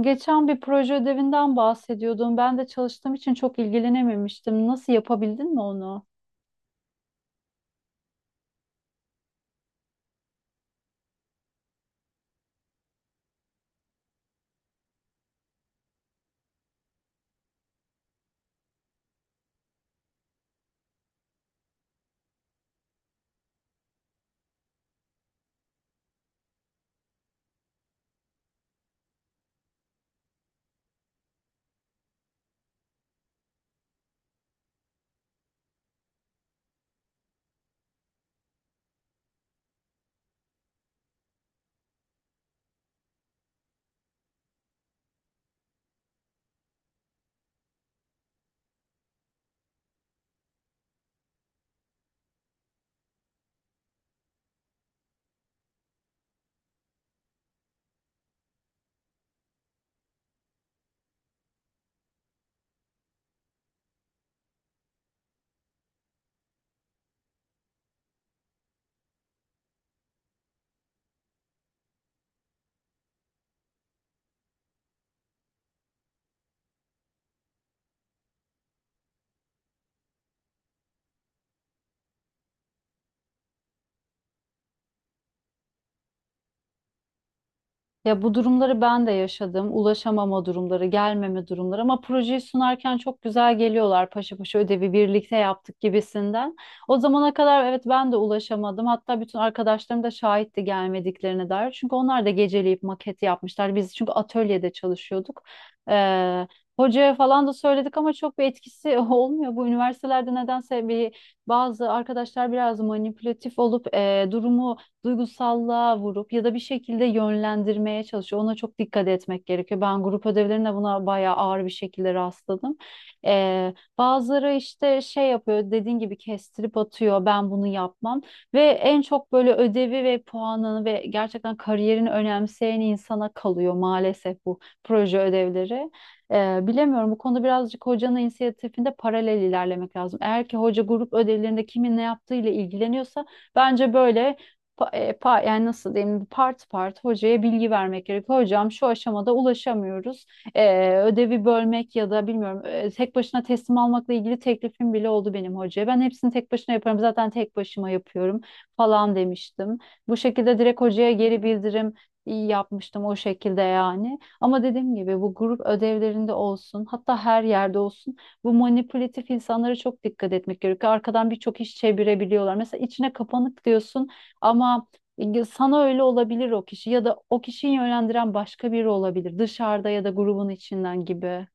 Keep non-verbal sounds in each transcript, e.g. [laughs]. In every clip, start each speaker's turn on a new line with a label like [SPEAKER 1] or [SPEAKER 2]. [SPEAKER 1] Geçen bir proje ödevinden bahsediyordun. Ben de çalıştığım için çok ilgilenememiştim. Nasıl yapabildin mi onu? Ya bu durumları ben de yaşadım. Ulaşamama durumları, gelmeme durumları ama projeyi sunarken çok güzel geliyorlar. Paşa paşa ödevi birlikte yaptık gibisinden. O zamana kadar evet ben de ulaşamadım. Hatta bütün arkadaşlarım da şahitti gelmediklerine dair. Çünkü onlar da geceleyip maketi yapmışlar. Biz çünkü atölyede çalışıyorduk. Ee, Hocaya falan da söyledik ama çok bir etkisi [laughs] olmuyor. Bu üniversitelerde nedense bir bazı arkadaşlar biraz manipülatif olup durumu duygusallığa vurup ya da bir şekilde yönlendirmeye çalışıyor. Ona çok dikkat etmek gerekiyor. Ben grup ödevlerinde buna bayağı ağır bir şekilde rastladım. Bazıları işte şey yapıyor dediğin gibi kestirip atıyor, ben bunu yapmam ve en çok böyle ödevi ve puanını ve gerçekten kariyerini önemseyen insana kalıyor maalesef bu proje ödevleri. Bilemiyorum, bu konuda birazcık hocanın inisiyatifinde paralel ilerlemek lazım. Eğer ki hoca grup ödevlerinde kimin ne yaptığıyla ilgileniyorsa bence böyle yani nasıl diyeyim, part part hocaya bilgi vermek gerekiyor. Hocam şu aşamada ulaşamıyoruz. Ödevi bölmek ya da bilmiyorum tek başına teslim almakla ilgili teklifim bile oldu benim hocaya. Ben hepsini tek başına yaparım, zaten tek başıma yapıyorum falan demiştim. Bu şekilde direkt hocaya geri bildirim iyi yapmıştım o şekilde yani. Ama dediğim gibi bu grup ödevlerinde olsun, hatta her yerde olsun bu manipülatif insanlara çok dikkat etmek gerekiyor. Arkadan birçok iş çevirebiliyorlar. Mesela içine kapanık diyorsun ama sana öyle olabilir. O kişi ya da o kişiyi yönlendiren başka biri olabilir. Dışarıda ya da grubun içinden gibi.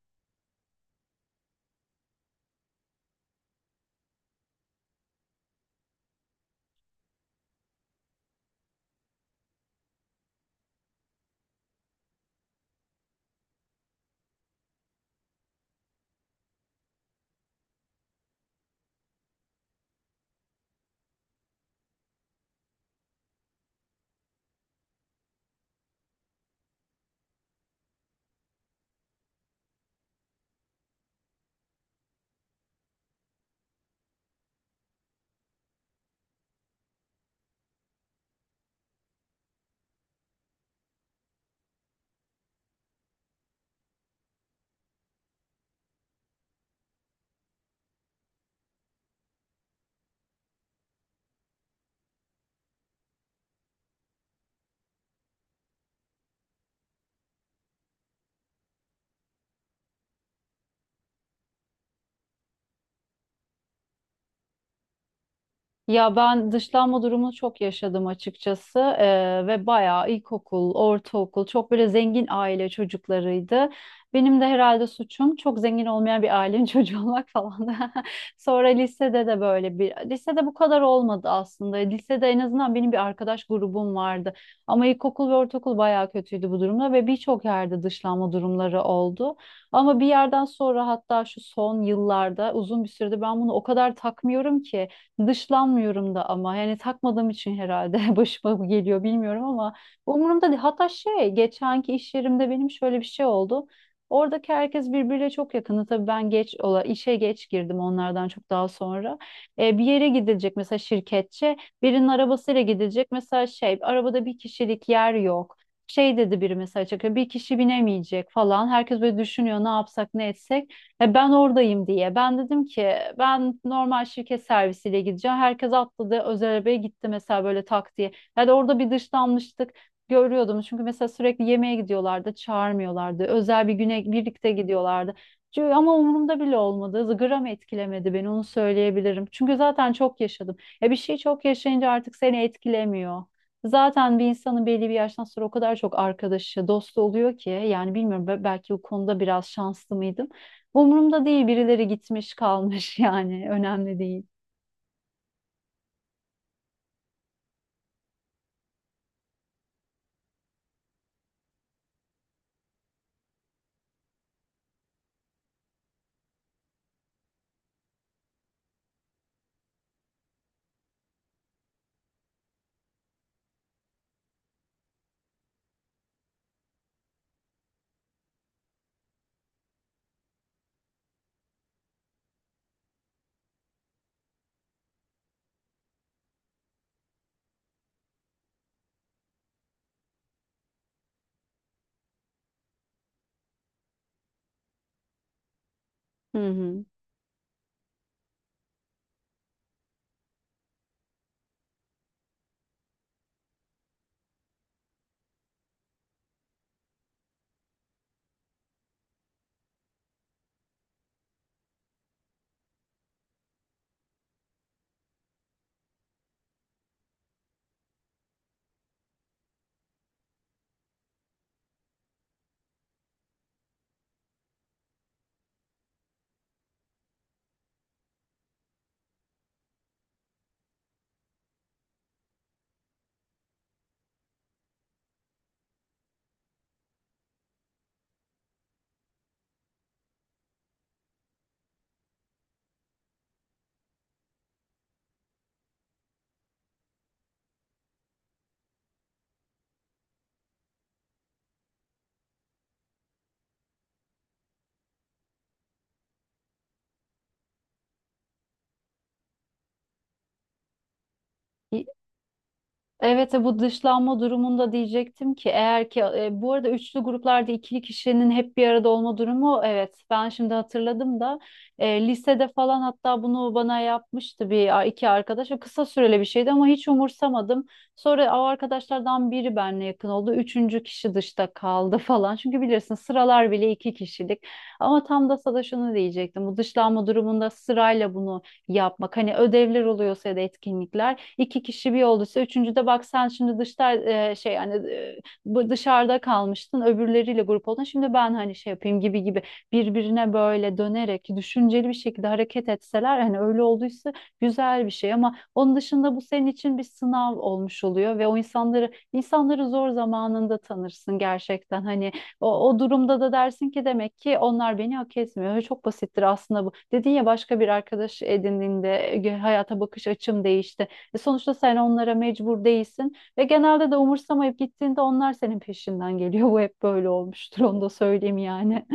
[SPEAKER 1] Ya ben dışlanma durumunu çok yaşadım açıkçası. Ve bayağı ilkokul, ortaokul çok böyle zengin aile çocuklarıydı. Benim de herhalde suçum çok zengin olmayan bir ailenin [laughs] çocuğu olmak falan. [laughs] Sonra lisede de böyle bir, lisede bu kadar olmadı aslında. Lisede en azından benim bir arkadaş grubum vardı. Ama ilkokul ve ortaokul bayağı kötüydü bu durumda ve birçok yerde dışlanma durumları oldu. Ama bir yerden sonra, hatta şu son yıllarda uzun bir süredir ben bunu o kadar takmıyorum ki. Dışlanmıyorum da ama yani takmadığım için herhalde [laughs] başıma bu geliyor bilmiyorum, ama umurumda değil. Hatta şey, geçenki iş yerimde benim şöyle bir şey oldu. Oradaki herkes birbiriyle çok yakını. Tabii ben geç ola işe geç girdim, onlardan çok daha sonra. Bir yere gidilecek mesela, şirketçe birinin arabasıyla gidilecek mesela, şey arabada bir kişilik yer yok. Şey dedi biri, mesela çıkıyor bir kişi binemeyecek falan. Herkes böyle düşünüyor, ne yapsak ne etsek. Ben oradayım diye. Ben dedim ki ben normal şirket servisiyle gideceğim. Herkes atladı özel arabaya gitti mesela, böyle tak diye. Yani orada bir dışlanmıştık, görüyordum. Çünkü mesela sürekli yemeğe gidiyorlardı, çağırmıyorlardı. Özel bir güne birlikte gidiyorlardı. Ama umurumda bile olmadı. Gram etkilemedi beni, onu söyleyebilirim. Çünkü zaten çok yaşadım. Ya bir şey çok yaşayınca artık seni etkilemiyor. Zaten bir insanın belli bir yaştan sonra o kadar çok arkadaşı, dostu oluyor ki yani bilmiyorum, belki bu konuda biraz şanslı mıydım. Umurumda değil, birileri gitmiş kalmış, [laughs] yani önemli değil. Hı hı. İ- Evet, bu dışlanma durumunda diyecektim ki eğer ki bu arada üçlü gruplarda ikili kişinin hep bir arada olma durumu, evet ben şimdi hatırladım da lisede falan hatta bunu bana yapmıştı bir iki arkadaş. O kısa süreli bir şeydi ama hiç umursamadım. Sonra o arkadaşlardan biri benimle yakın oldu. Üçüncü kişi dışta kaldı [laughs] falan. Çünkü bilirsin sıralar bile iki kişilik. Ama tam da sana şunu diyecektim. Bu dışlanma durumunda sırayla bunu yapmak. Hani ödevler oluyorsa ya da etkinlikler iki kişi bir olduysa üçüncüde bak sen şimdi dışta, şey yani, bu dışarıda kalmıştın, öbürleriyle grup oldun, şimdi ben hani şey yapayım gibi gibi, birbirine böyle dönerek düşünceli bir şekilde hareket etseler, hani öyle olduysa güzel bir şey. Ama onun dışında bu senin için bir sınav olmuş oluyor ve o insanları, insanları zor zamanında tanırsın gerçekten. Hani o, o durumda da dersin ki demek ki onlar beni hak etmiyor. Öyle. Çok basittir aslında bu. Dedin ya başka bir arkadaş edindiğinde hayata bakış açım değişti. Sonuçta sen onlara mecbur değilsin ve genelde de umursamayıp gittiğinde onlar senin peşinden geliyor. [laughs] Bu hep böyle olmuştur, onu da söyleyeyim yani.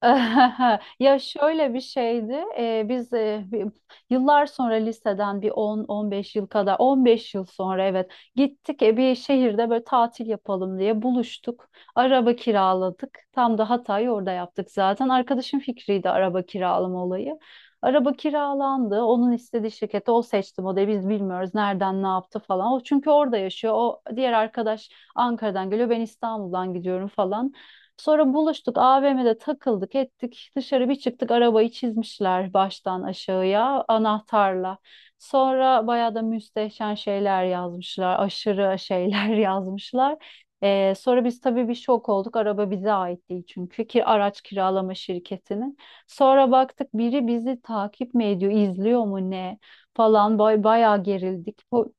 [SPEAKER 1] [laughs] Ya şöyle bir şeydi. Biz yıllar sonra liseden bir on on beş yıl kadar, on beş yıl sonra evet, gittik bir şehirde böyle tatil yapalım diye buluştuk. Araba kiraladık. Tam da Hatay'ı orada yaptık zaten. Arkadaşım fikriydi araba kiralama olayı. Araba kiralandı. Onun istediği şirkette o seçti modeli. Biz bilmiyoruz nereden ne yaptı falan. O çünkü orada yaşıyor. O diğer arkadaş Ankara'dan geliyor. Ben İstanbul'dan gidiyorum falan. Sonra buluştuk, AVM'de takıldık ettik, dışarı bir çıktık, arabayı çizmişler baştan aşağıya anahtarla. Sonra bayağı da müstehcen şeyler yazmışlar, aşırı şeyler [laughs] yazmışlar. Sonra biz tabii bir şok olduk, araba bize ait değil çünkü, ki araç kiralama şirketinin. Sonra baktık biri bizi takip mi ediyor, izliyor mu ne falan, bay bayağı gerildik.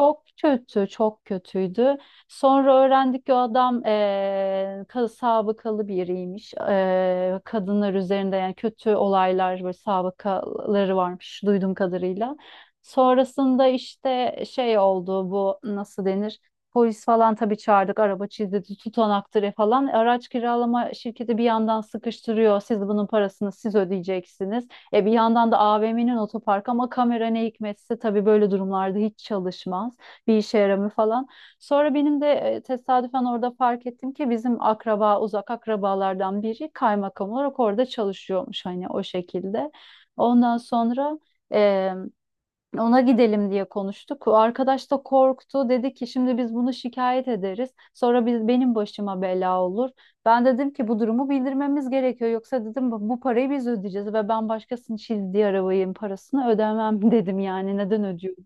[SPEAKER 1] Çok kötü, çok kötüydü. Sonra öğrendik ki o adam sabıkalı biriymiş. Kadınlar üzerinde yani kötü olaylar, böyle sabıkaları varmış duyduğum kadarıyla. Sonrasında işte şey oldu, bu nasıl denir? Polis falan tabii çağırdık, araba çizdirdi, tutanaktır falan. Araç kiralama şirketi bir yandan sıkıştırıyor. Siz bunun parasını siz ödeyeceksiniz. E bir yandan da AVM'nin otoparkı ama kamera ne hikmetse tabii böyle durumlarda hiç çalışmaz. Bir işe yaramıyor falan. Sonra benim de tesadüfen orada fark ettim ki bizim akraba, uzak akrabalardan biri kaymakam olarak orada çalışıyormuş, hani o şekilde. Ondan sonra e, ona gidelim diye konuştuk. O arkadaş da korktu. Dedi ki şimdi biz bunu şikayet ederiz. Sonra biz, benim başıma bela olur. Ben dedim ki bu durumu bildirmemiz gerekiyor. Yoksa dedim bu bu parayı biz ödeyeceğiz ve ben başkasının çizdiği arabanın parasını ödemem [laughs] dedim yani. Neden ödüyorum?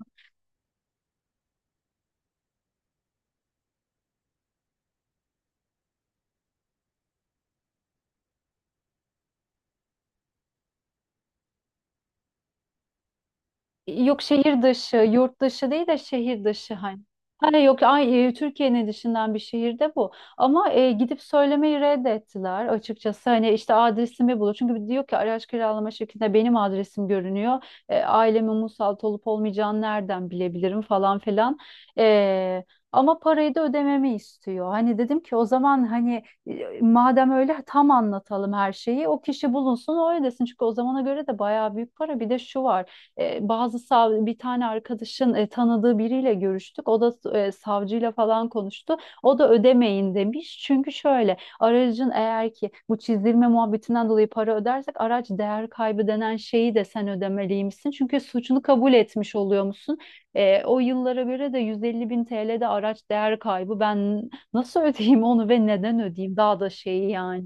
[SPEAKER 1] Yok, şehir dışı, yurt dışı değil de şehir dışı hani. Hani yok ay, Türkiye'nin dışından bir şehirde bu. Ama gidip söylemeyi reddettiler açıkçası. Hani işte adresimi bulur. Çünkü diyor ki araç kiralama şirketinde benim adresim görünüyor. Ailemin musallat olup olmayacağını nereden bilebilirim falan filan. E, Ama parayı da ödememi istiyor. Hani dedim ki o zaman hani, madem öyle tam anlatalım her şeyi. O kişi bulunsun, o ödesin. Çünkü o zamana göre de bayağı büyük para. Bir de şu var. E, bazı sav Bir tane arkadaşın tanıdığı biriyle görüştük. O da savcıyla falan konuştu. O da ödemeyin demiş. Çünkü şöyle, aracın eğer ki bu çizdirme muhabbetinden dolayı para ödersek araç değer kaybı denen şeyi de sen ödemeliymişsin. Çünkü suçunu kabul etmiş oluyor musun? O yıllara göre de 150 bin TL'de araç değer kaybı. Ben nasıl ödeyeyim onu ve neden ödeyeyim? Daha da şeyi yani.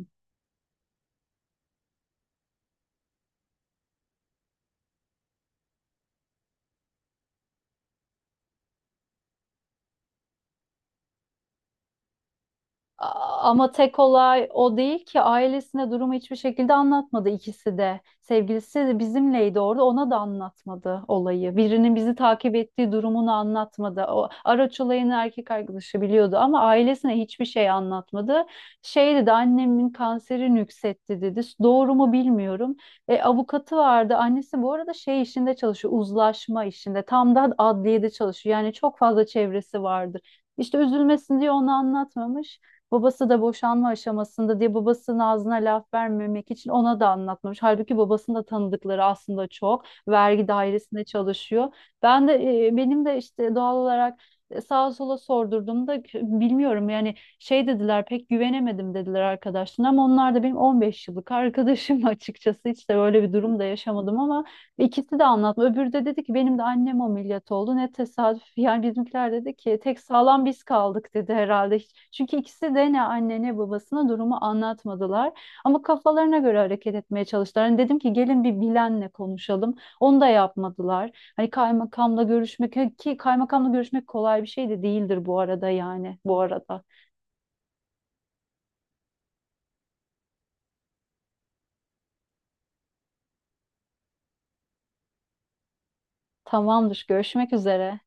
[SPEAKER 1] Ama tek olay o değil ki ailesine durumu hiçbir şekilde anlatmadı ikisi de. Sevgilisi de bizimleydi orada, ona da anlatmadı olayı. Birinin bizi takip ettiği durumunu anlatmadı. O araç olayını erkek arkadaşı biliyordu ama ailesine hiçbir şey anlatmadı. Şey dedi, annemin kanseri nüksetti dedi. Doğru mu bilmiyorum. Avukatı vardı. Annesi bu arada şey işinde çalışıyor, uzlaşma işinde. Tam da adliyede çalışıyor. Yani çok fazla çevresi vardır. İşte üzülmesin diye onu anlatmamış. Babası da boşanma aşamasında diye babasının ağzına laf vermemek için ona da anlatmamış. Halbuki babasının da tanıdıkları aslında çok. Vergi dairesinde çalışıyor. Ben de benim de işte doğal olarak sağa sola sordurduğumda bilmiyorum yani şey dediler, pek güvenemedim dediler arkadaşlarına, ama onlar da benim 15 yıllık arkadaşım [laughs] açıkçası, hiç de böyle bir durum da yaşamadım ama İkisi de anlatma. Öbürü de dedi ki benim de annem ameliyat oldu. Ne tesadüf. [laughs] Yani bizimkiler dedi ki tek sağlam biz kaldık dedi herhalde. Çünkü ikisi de ne anne ne babasına durumu anlatmadılar. Ama kafalarına göre hareket etmeye çalıştılar. Hani dedim ki gelin bir bilenle konuşalım. Onu da yapmadılar. Hani kaymakamla görüşmek, hani ki kaymakamla görüşmek kolay bir şey de değildir bu arada, yani bu arada. Tamamdır. Görüşmek üzere.